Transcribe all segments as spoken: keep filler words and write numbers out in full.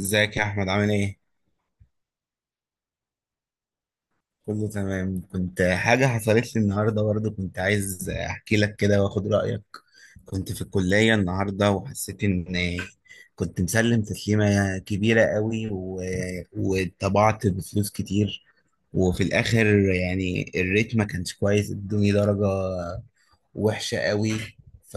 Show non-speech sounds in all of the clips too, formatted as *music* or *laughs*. ازيك يا احمد؟ عامل ايه؟ كله تمام. كنت حاجه حصلت لي النهارده برضه، كنت عايز احكي لك كده واخد رايك. كنت في الكليه النهارده وحسيت ان كنت مسلم تسليمه كبيره قوي و... وطبعت بفلوس كتير، وفي الاخر يعني الريت ما كانش كويس، ادوني درجه وحشة قوي. ف...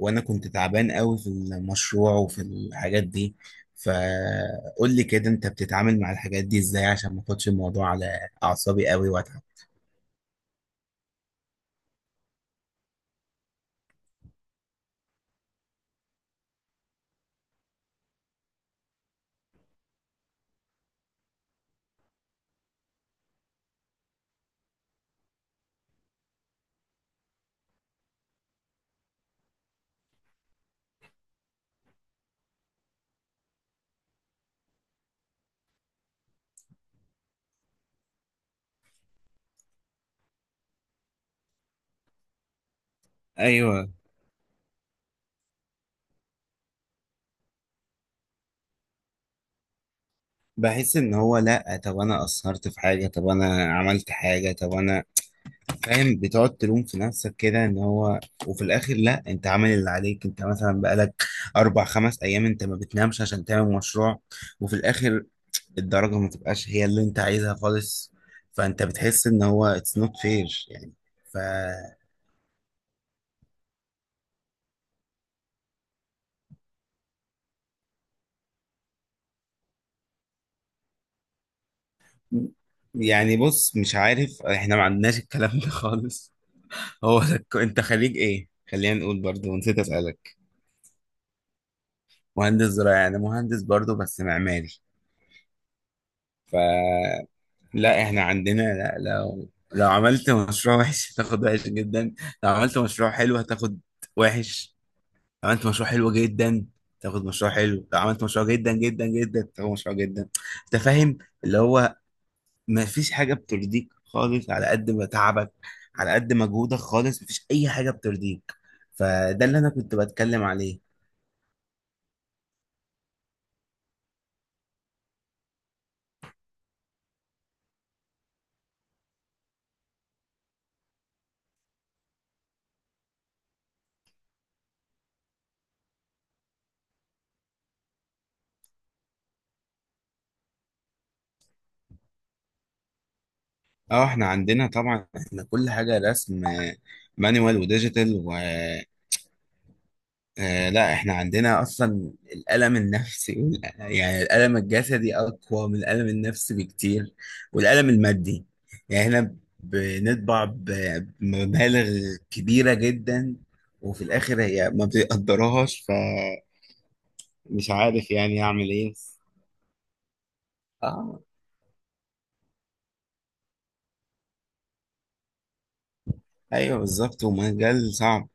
وأنا كنت تعبان قوي في المشروع وفي الحاجات دي، فقول لي كده، أنت بتتعامل مع الحاجات دي إزاي عشان ما اخدش الموضوع على أعصابي قوي وأتعب؟ أيوه. بحس إن هو، لأ طب أنا قصرت في حاجة، طب أنا عملت حاجة، طب أنا فاهم، بتقعد تلوم في نفسك كده ان هو، وفي الاخر لا انت عامل اللي عليك، انت مثلا بقالك اربع خمس ايام انت ما بتنامش عشان تعمل مشروع، وفي الاخر الدرجة ما تبقاش هي اللي انت عايزها خالص، فانت بتحس ان هو it's not fair يعني. ف يعني بص، مش عارف، احنا ما عندناش الكلام ده خالص. هو *laughs* ده الك- انت خريج ايه؟ خلينا نقول، برضو نسيت اسالك. مهندس زراعي؟ انا مهندس برضو بس معماري. لا احنا عندنا، لا لو لو عملت مشروع وحش هتاخد وحش جدا، لو عملت مشروع حلو هتاخد وحش، لو عملت مشروع حلو جدا تاخد مشروع حلو، لو عملت مشروع جدا جدا جدا تاخد مشروع جدا. انت فاهم؟ اللي هو ما فيش حاجة بترضيك خالص على قد ما تعبك، على قد مجهودك خالص مفيش اي حاجة بترضيك. فده اللي انا كنت بتكلم عليه. اه احنا عندنا طبعا، احنا كل حاجة رسم، مانوال وديجيتال. آه لا احنا عندنا اصلا الالم النفسي والأ- يعني الالم الجسدي اقوى من الالم النفسي بكتير، والالم المادي. يعني احنا بنطبع ب- بمبالغ كبيرة جدا، وفي الاخر هي ما بتقدرهاش. فمش عارف يعني اعمل ايه. اه ايوه بالظبط، ومجال صعب.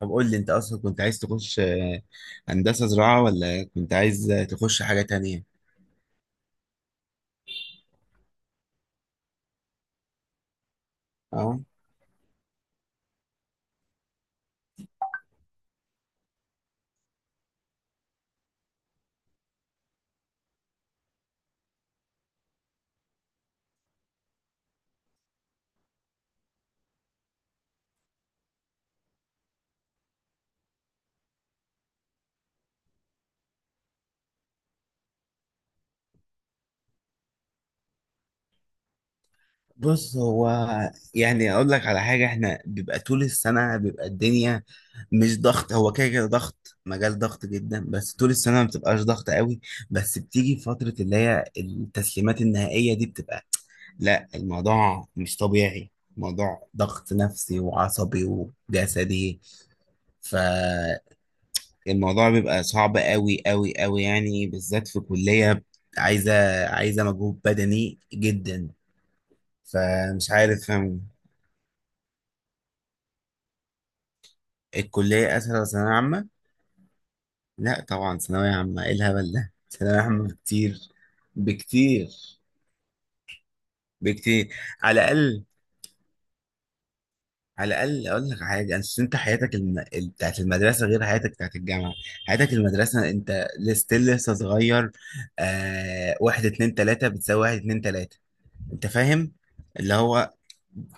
طب قول لي، انت اصلا كنت عايز تخش آه، هندسة زراعة ولا كنت عايز تخش حاجة تانية؟ اه. بص هو يعني اقول لك على حاجه، احنا بيبقى طول السنه بيبقى الدنيا مش ضغط، هو كده كده ضغط، مجال ضغط جدا، بس طول السنه ما بتبقاش ضغط قوي، بس بتيجي فتره اللي هي التسليمات النهائيه دي بتبقى، لا الموضوع مش طبيعي، موضوع ضغط نفسي وعصبي وجسدي. فالموضوع بيبقى صعب قوي قوي قوي يعني، بالذات في كليه عايزه عايزه مجهود بدني جدا. فمش عارف. الكلية أسهل ولا ثانوية عامة؟ لا طبعا ثانوية عامة، إيه الهبل ده؟ ثانوية عامة بكتير، بكتير، بكتير. على الأقل، على الأقل أقول لك حاجة، أنت أنت حياتك الم... ال- بتاعت المدرسة غير حياتك بتاعت الجامعة. حياتك المدرسة أنت لستيل لسه صغير، آه... واحد اتنين تلاتة بتساوي واحد اتنين تلاتة. أنت فاهم؟ اللي هو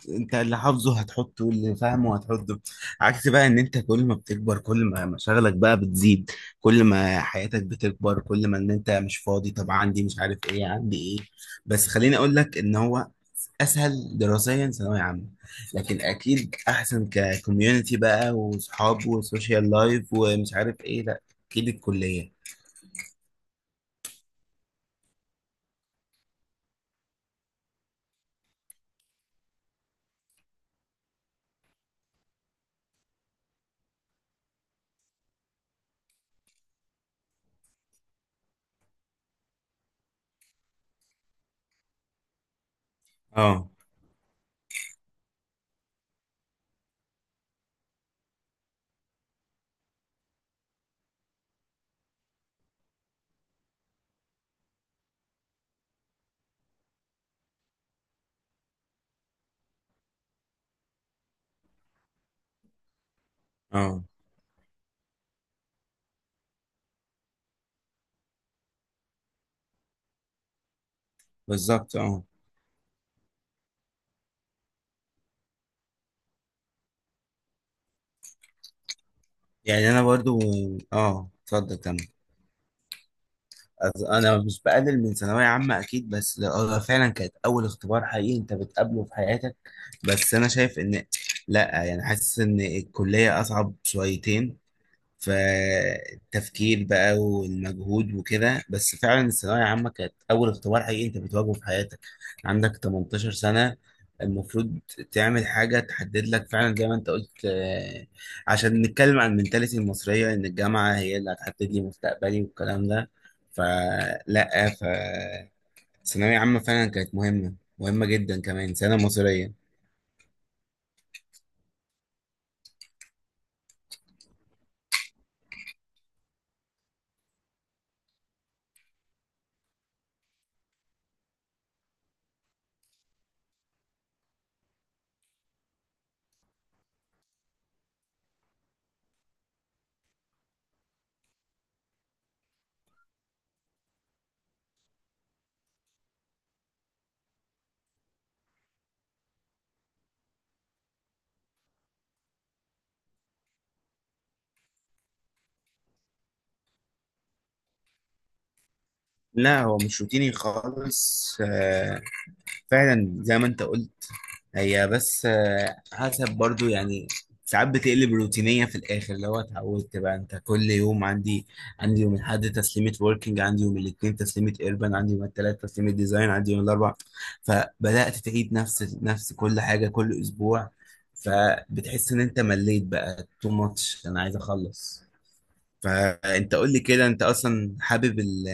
انت اللي حافظه هتحطه واللي فاهمه هتحطه. عكس بقى ان انت كل ما بتكبر كل ما مشاغلك بقى بتزيد، كل ما حياتك بتكبر كل ما ان انت مش فاضي، طب عندي مش عارف ايه، عندي ايه. بس خليني اقول لك ان هو اسهل دراسيا ثانوية عامة، لكن اكيد احسن ككوميونتي بقى وصحاب وسوشيال لايف ومش عارف ايه، لا اكيد الكلية. اه اه بالظبط، اه. يعني انا برضو، اه اتفضل كمل. أص- انا مش بقلل من ثانويه عامه اكيد، بس لا- هو فعلا كانت اول اختبار حقيقي انت بتقابله في حياتك. بس انا شايف ان، لا يعني حاسس ان الكليه اصعب شويتين، فالتفكير بقى والمجهود وكده، بس فعلا الثانوية عامة كانت أول اختبار حقيقي أنت بتواجهه في حياتك. عندك تمنتاشر سنة، المفروض تعمل حاجة تحدد لك فعلا زي ما أنت قلت، آه، عشان نتكلم عن المنتاليتي المصرية إن الجامعة هي اللي هتحدد لي مستقبلي والكلام ده، فلا، فالثانوية عامة فعلا كانت مهمة، مهمة جدا كمان سنة مصرية. لا هو مش روتيني خالص، آه، فعلا زي ما انت قلت. هي بس آه، حسب برضو يعني، ساعات بتقلب روتينية في الآخر، اللي هو اتعودت بقى أنت كل يوم، عندي عندي يوم الأحد تسليمة وركينج، عندي يوم الاثنين تسليمة إيربان، عندي يوم الثلاث تسليمة ديزاين، عندي يوم الأربع، فبدأت تعيد نفس نفس كل حاجة كل أسبوع، فبتحس إن أنت مليت بقى، تو ماتش أنا عايز أخلص. فأنت قول لي كده، أنت أصلا حابب ال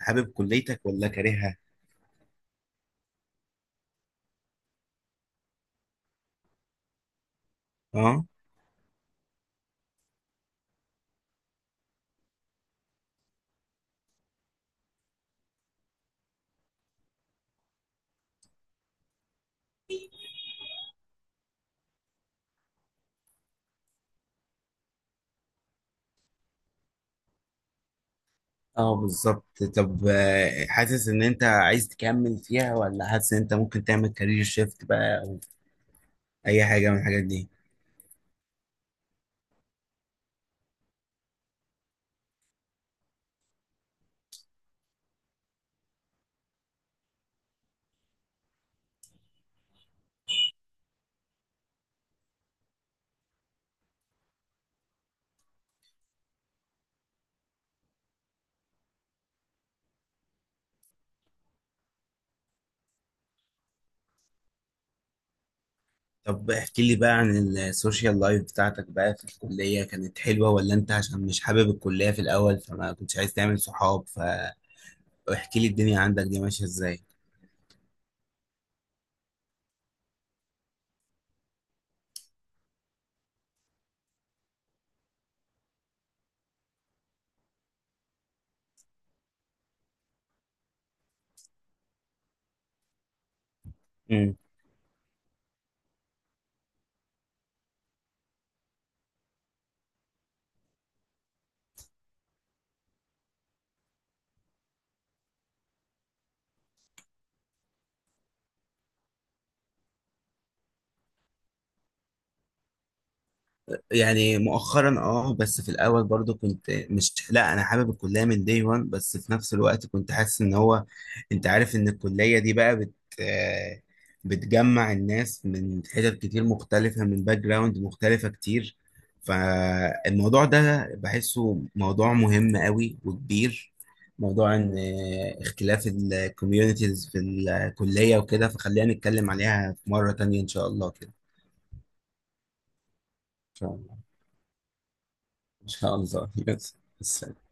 حابب كليتك ولا كارهها؟ اه بالظبط. طب آه، حاسس ان انت عايز تكمل فيها ولا حاسس ان انت ممكن تعمل كارير شيفت بقى او اي حاجه من الحاجات دي؟ طب احكي لي بقى عن السوشيال لايف بتاعتك بقى في الكليه، كانت حلوه؟ ولا انت عشان مش حابب الكليه في الاول فما كنتش عايز تعمل صحاب؟ فاحكي لي الدنيا عندك دي ماشيه ازاي. يعني مؤخرا اه، بس في الاول برضو كنت مش، لا انا حابب الكليه من دي، وان بس في نفس الوقت كنت حاسس ان هو، انت عارف ان الكليه دي بقى بت آه، بتجمع الناس من حتت كتير مختلفه، من باك جراوند مختلفه كتير. فالموضوع ده بحسه موضوع مهم قوي وكبير، موضوع ان آه، اختلاف الكوميونيتيز في الكليه وكده، فخلينا نتكلم عليها في مره تانية ان شاء الله كده. ان شاء الله. ان شاء الله *laughs* بس.